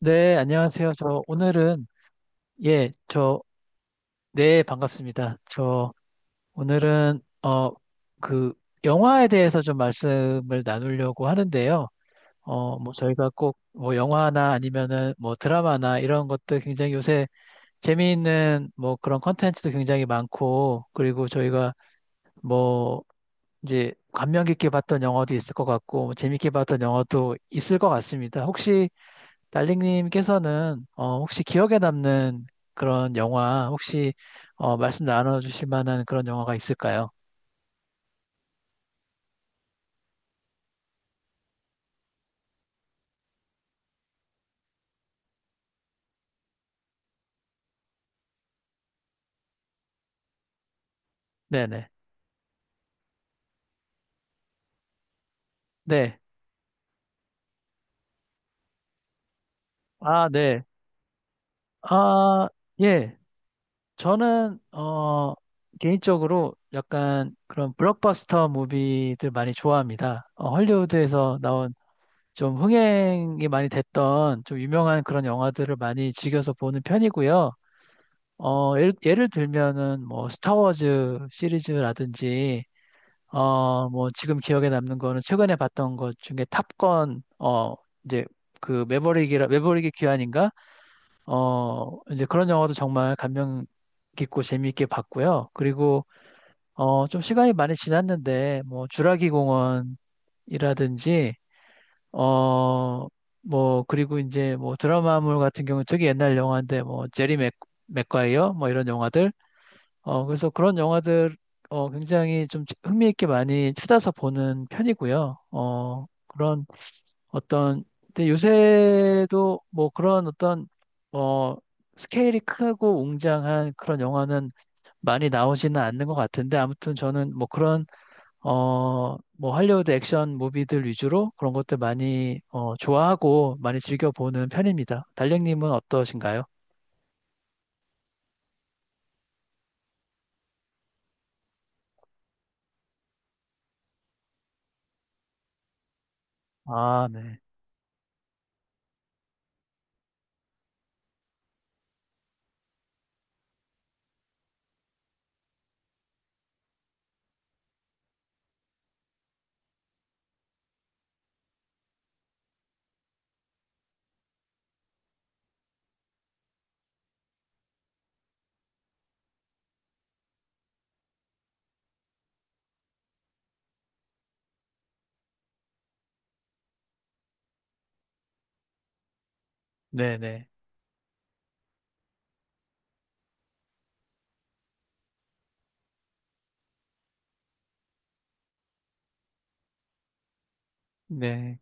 네, 안녕하세요. 저 오늘은 예, 네, 반갑습니다. 저 오늘은 그 영화에 대해서 좀 말씀을 나누려고 하는데요. 뭐 저희가 꼭 뭐 영화나 아니면은 뭐 드라마나 이런 것들 굉장히 요새 재미있는 뭐 그런 컨텐츠도 굉장히 많고, 그리고 저희가 뭐 이제 감명 깊게 봤던 영화도 있을 것 같고 뭐 재밌게 봤던 영화도 있을 것 같습니다. 혹시 달링님께서는 혹시 기억에 남는 그런 영화 혹시 말씀 나눠주실 만한 그런 영화가 있을까요? 네네. 네. 아, 네. 아, 예. 저는 개인적으로 약간 그런 블록버스터 무비들 많이 좋아합니다. 헐리우드에서 나온 좀 흥행이 많이 됐던 좀 유명한 그런 영화들을 많이 즐겨서 보는 편이고요. 예를 들면은 뭐 스타워즈 시리즈라든지, 뭐, 지금 기억에 남는 거는 최근에 봤던 것 중에 탑건, 이제 그 매버릭의 귀환인가? 이제 그런 영화도 정말 감명 깊고 재미있게 봤고요. 그리고, 좀 시간이 많이 지났는데, 뭐, 주라기 공원이라든지, 어, 뭐, 그리고 이제 뭐 드라마물 같은 경우 되게 옛날 영화인데, 뭐, 제리 맥과이어, 뭐 이런 영화들. 그래서 그런 영화들 굉장히 좀 흥미있게 많이 찾아서 보는 편이고요. 어, 그런 어떤 근데 요새도 뭐 그런 어떤 어, 스케일이 크고 웅장한 그런 영화는 많이 나오지는 않는 것 같은데, 아무튼 저는 뭐 그런 뭐 할리우드 액션 무비들 위주로 그런 것들 많이 좋아하고 많이 즐겨 보는 편입니다. 달링님은 어떠신가요? 아, 네. 네네. 네.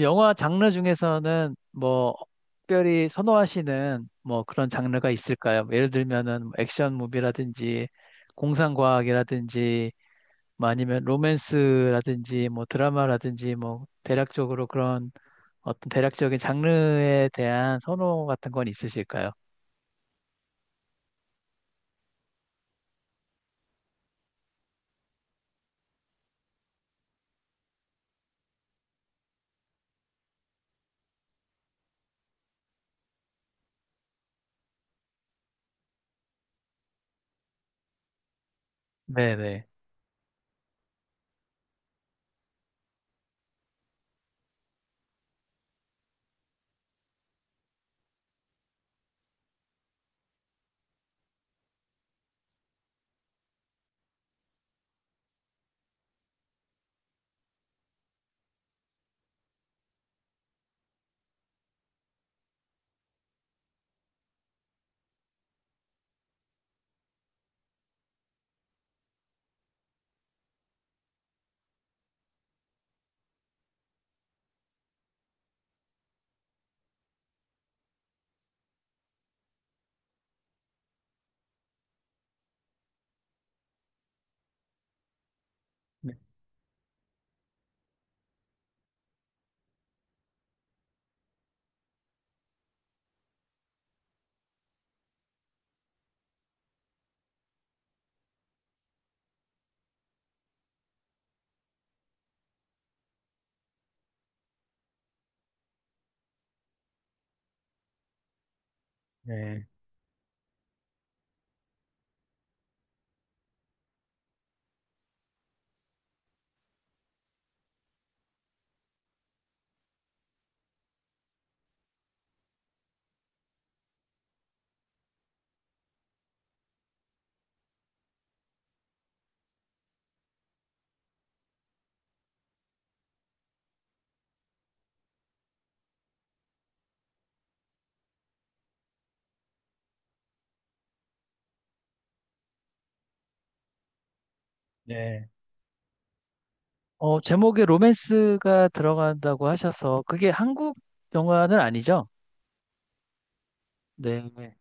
영화 장르 중에서는 뭐 특별히 선호하시는 뭐 그런 장르가 있을까요? 뭐 예를 들면은 뭐 액션 무비라든지, 공상과학이라든지, 뭐 아니면 로맨스라든지 뭐 드라마라든지 뭐 대략적으로 그런 어떤 대략적인 장르에 대한 선호 같은 건 있으실까요? 네네. 네. 네. 네. 제목에 로맨스가 들어간다고 하셔서 그게 한국 영화는 아니죠? 네.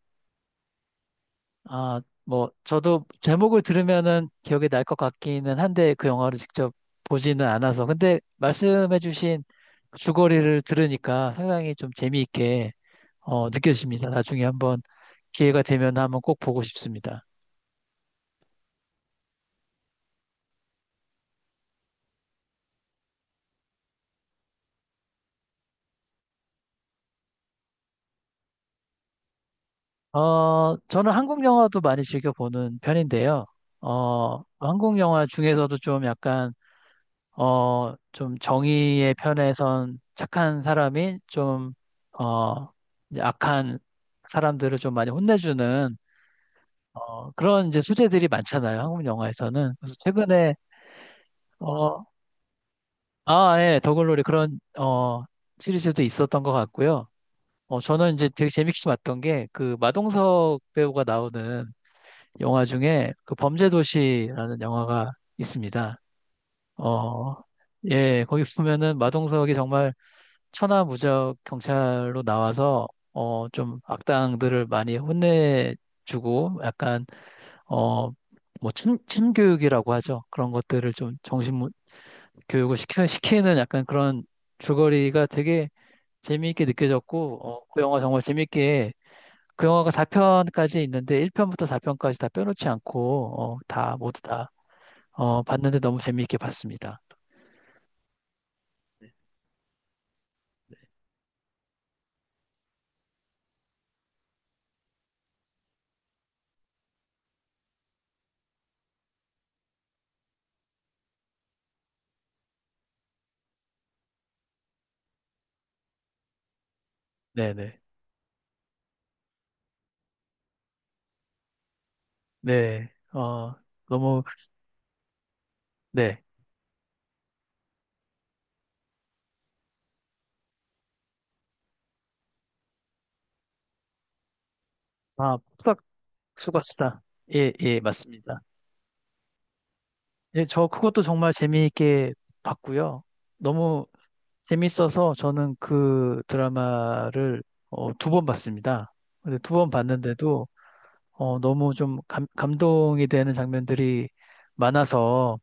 아, 뭐, 저도 제목을 들으면은 기억이 날 것 같기는 한데 그 영화를 직접 보지는 않아서. 근데 말씀해주신 그 줄거리를 들으니까 상당히 좀 재미있게 느껴집니다. 나중에 한번 기회가 되면 한번 꼭 보고 싶습니다. 저는 한국 영화도 많이 즐겨 보는 편인데요. 한국 영화 중에서도 좀 약간 좀 정의의 편에선 착한 사람이 좀, 어, 이제 악한 사람들을 좀 많이 혼내주는, 그런 이제 소재들이 많잖아요. 한국 영화에서는. 그래서 최근에, 어, 아, 예, 더글로리 그런, 시리즈도 있었던 것 같고요. 저는 이제 되게 재밌게 봤던 게 그 마동석 배우가 나오는 영화 중에 그 범죄도시라는 영화가 있습니다. 어, 예, 거기 보면은 마동석이 정말 천하무적 경찰로 나와서 좀 악당들을 많이 혼내주고 약간 어 뭐 침교육이라고 하죠. 그런 것들을 좀 교육을 시키는 약간 그런 줄거리가 되게 재미있게 느껴졌고, 그 영화 정말 재미있게 그 영화가 4편까지 있는데 1편부터 4편까지 다 빼놓지 않고 다 모두 다 봤는데 너무 재미있게 봤습니다. 네네. 네. 너무 네. 아, 수고하셨다. 예, 예, 맞습니다. 예, 저 그것도 정말 재미있게 봤고요. 너무 재밌어서 저는 그 드라마를 두번 봤습니다. 근데 두 번 봤는데도 너무 좀 감동이 되는 장면들이 많아서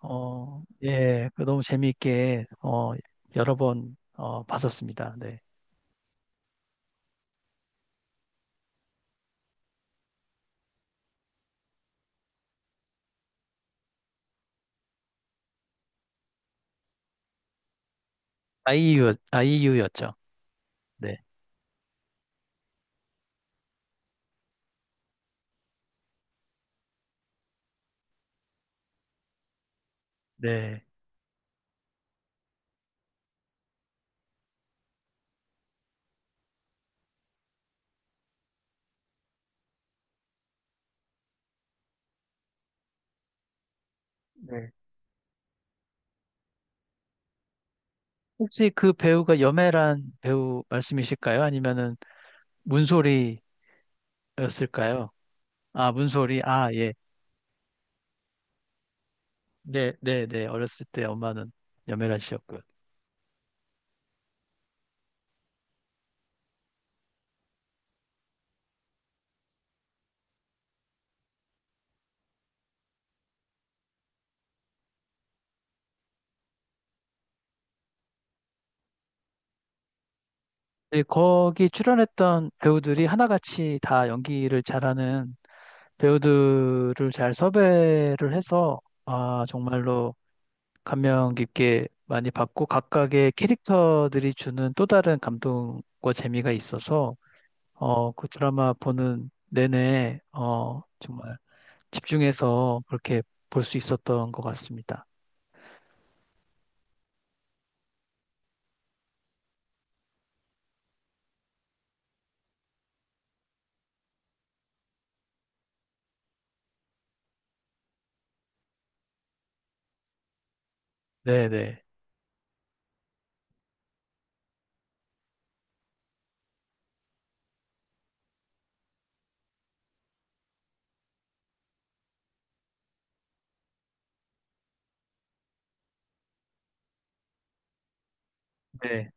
예, 그 너무 재미있게 여러 번 봤었습니다. 네. 아이유, 아이유였죠. 네. 네. 네. 혹시 그 배우가 염혜란 배우 말씀이실까요? 아니면은 문소리였을까요? 아, 문소리. 아, 예. 네, 네, 네. 어렸을 때 엄마는 염혜라 씨였고요. 네, 거기 출연했던 배우들이 하나같이 다 연기를 잘하는 배우들을 잘 섭외를 해서 아, 정말로 감명 깊게 많이 받고 각각의 캐릭터들이 주는 또 다른 감동과 재미가 있어서 그 드라마 보는 내내 정말 집중해서 그렇게 볼 수 있었던 것 같습니다. 네네. 네.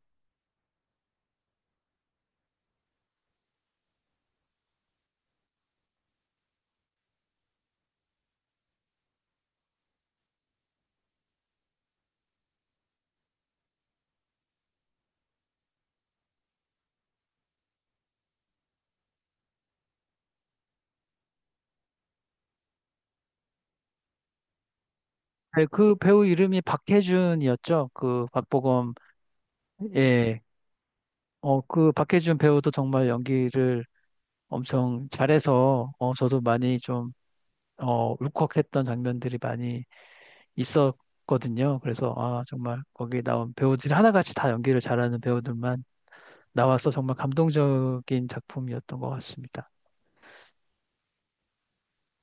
네, 그 배우 이름이 박해준이었죠. 그 박보검, 예. 그 박해준 배우도 정말 연기를 엄청 잘해서, 저도 많이 좀, 울컥했던 장면들이 많이 있었거든요. 그래서, 아, 정말 거기 나온 배우들이 하나같이 다 연기를 잘하는 배우들만 나와서 정말 감동적인 작품이었던 것 같습니다.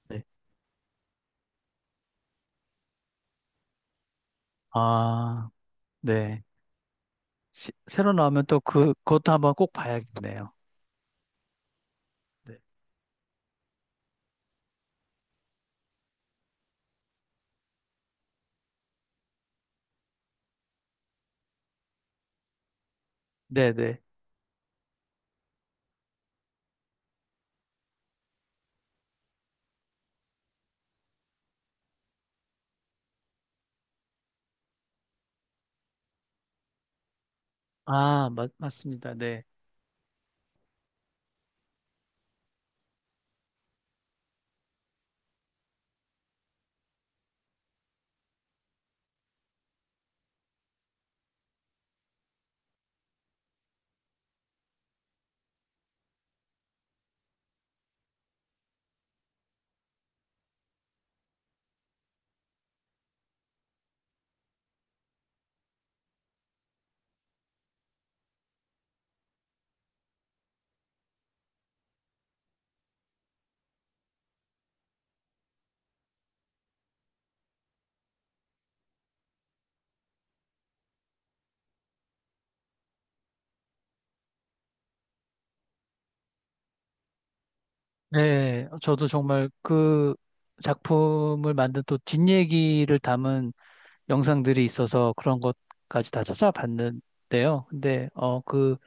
네. 아, 네. 새로 나오면 또 그것도 한번 꼭 봐야겠네요. 네. 네네. 아, 맞습니다. 네. 네, 저도 정말 그 작품을 만든 또 뒷얘기를 담은 영상들이 있어서 그런 것까지 다 찾아봤는데요. 근데, 그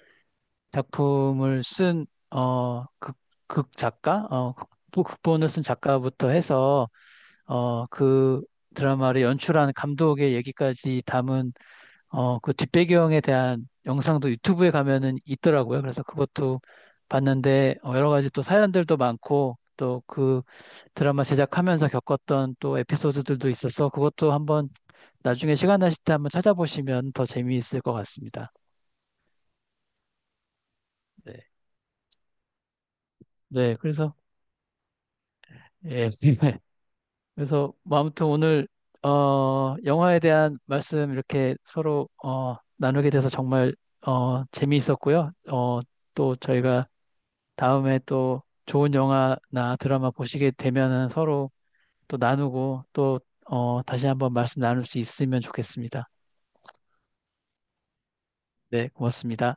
작품을 쓴, 극 작가? 극본을 쓴 작가부터 해서, 그 드라마를 연출한 감독의 얘기까지 담은 그 뒷배경에 대한 영상도 유튜브에 가면은 있더라고요. 그래서 그것도 봤는데 여러 가지 또 사연들도 많고 또 그 드라마 제작하면서 겪었던 또 에피소드들도 있어서 그것도 한번 나중에 시간 나실 때 한번 찾아보시면 더 재미있을 것 같습니다. 네. 네, 그래서 예. 그래서 뭐 아무튼 오늘 영화에 대한 말씀 이렇게 서로 나누게 돼서 정말 재미있었고요. 또 저희가 다음에 또 좋은 영화나 드라마 보시게 되면은 서로 또 나누고 또 다시 한번 말씀 나눌 수 있으면 좋겠습니다. 네, 고맙습니다.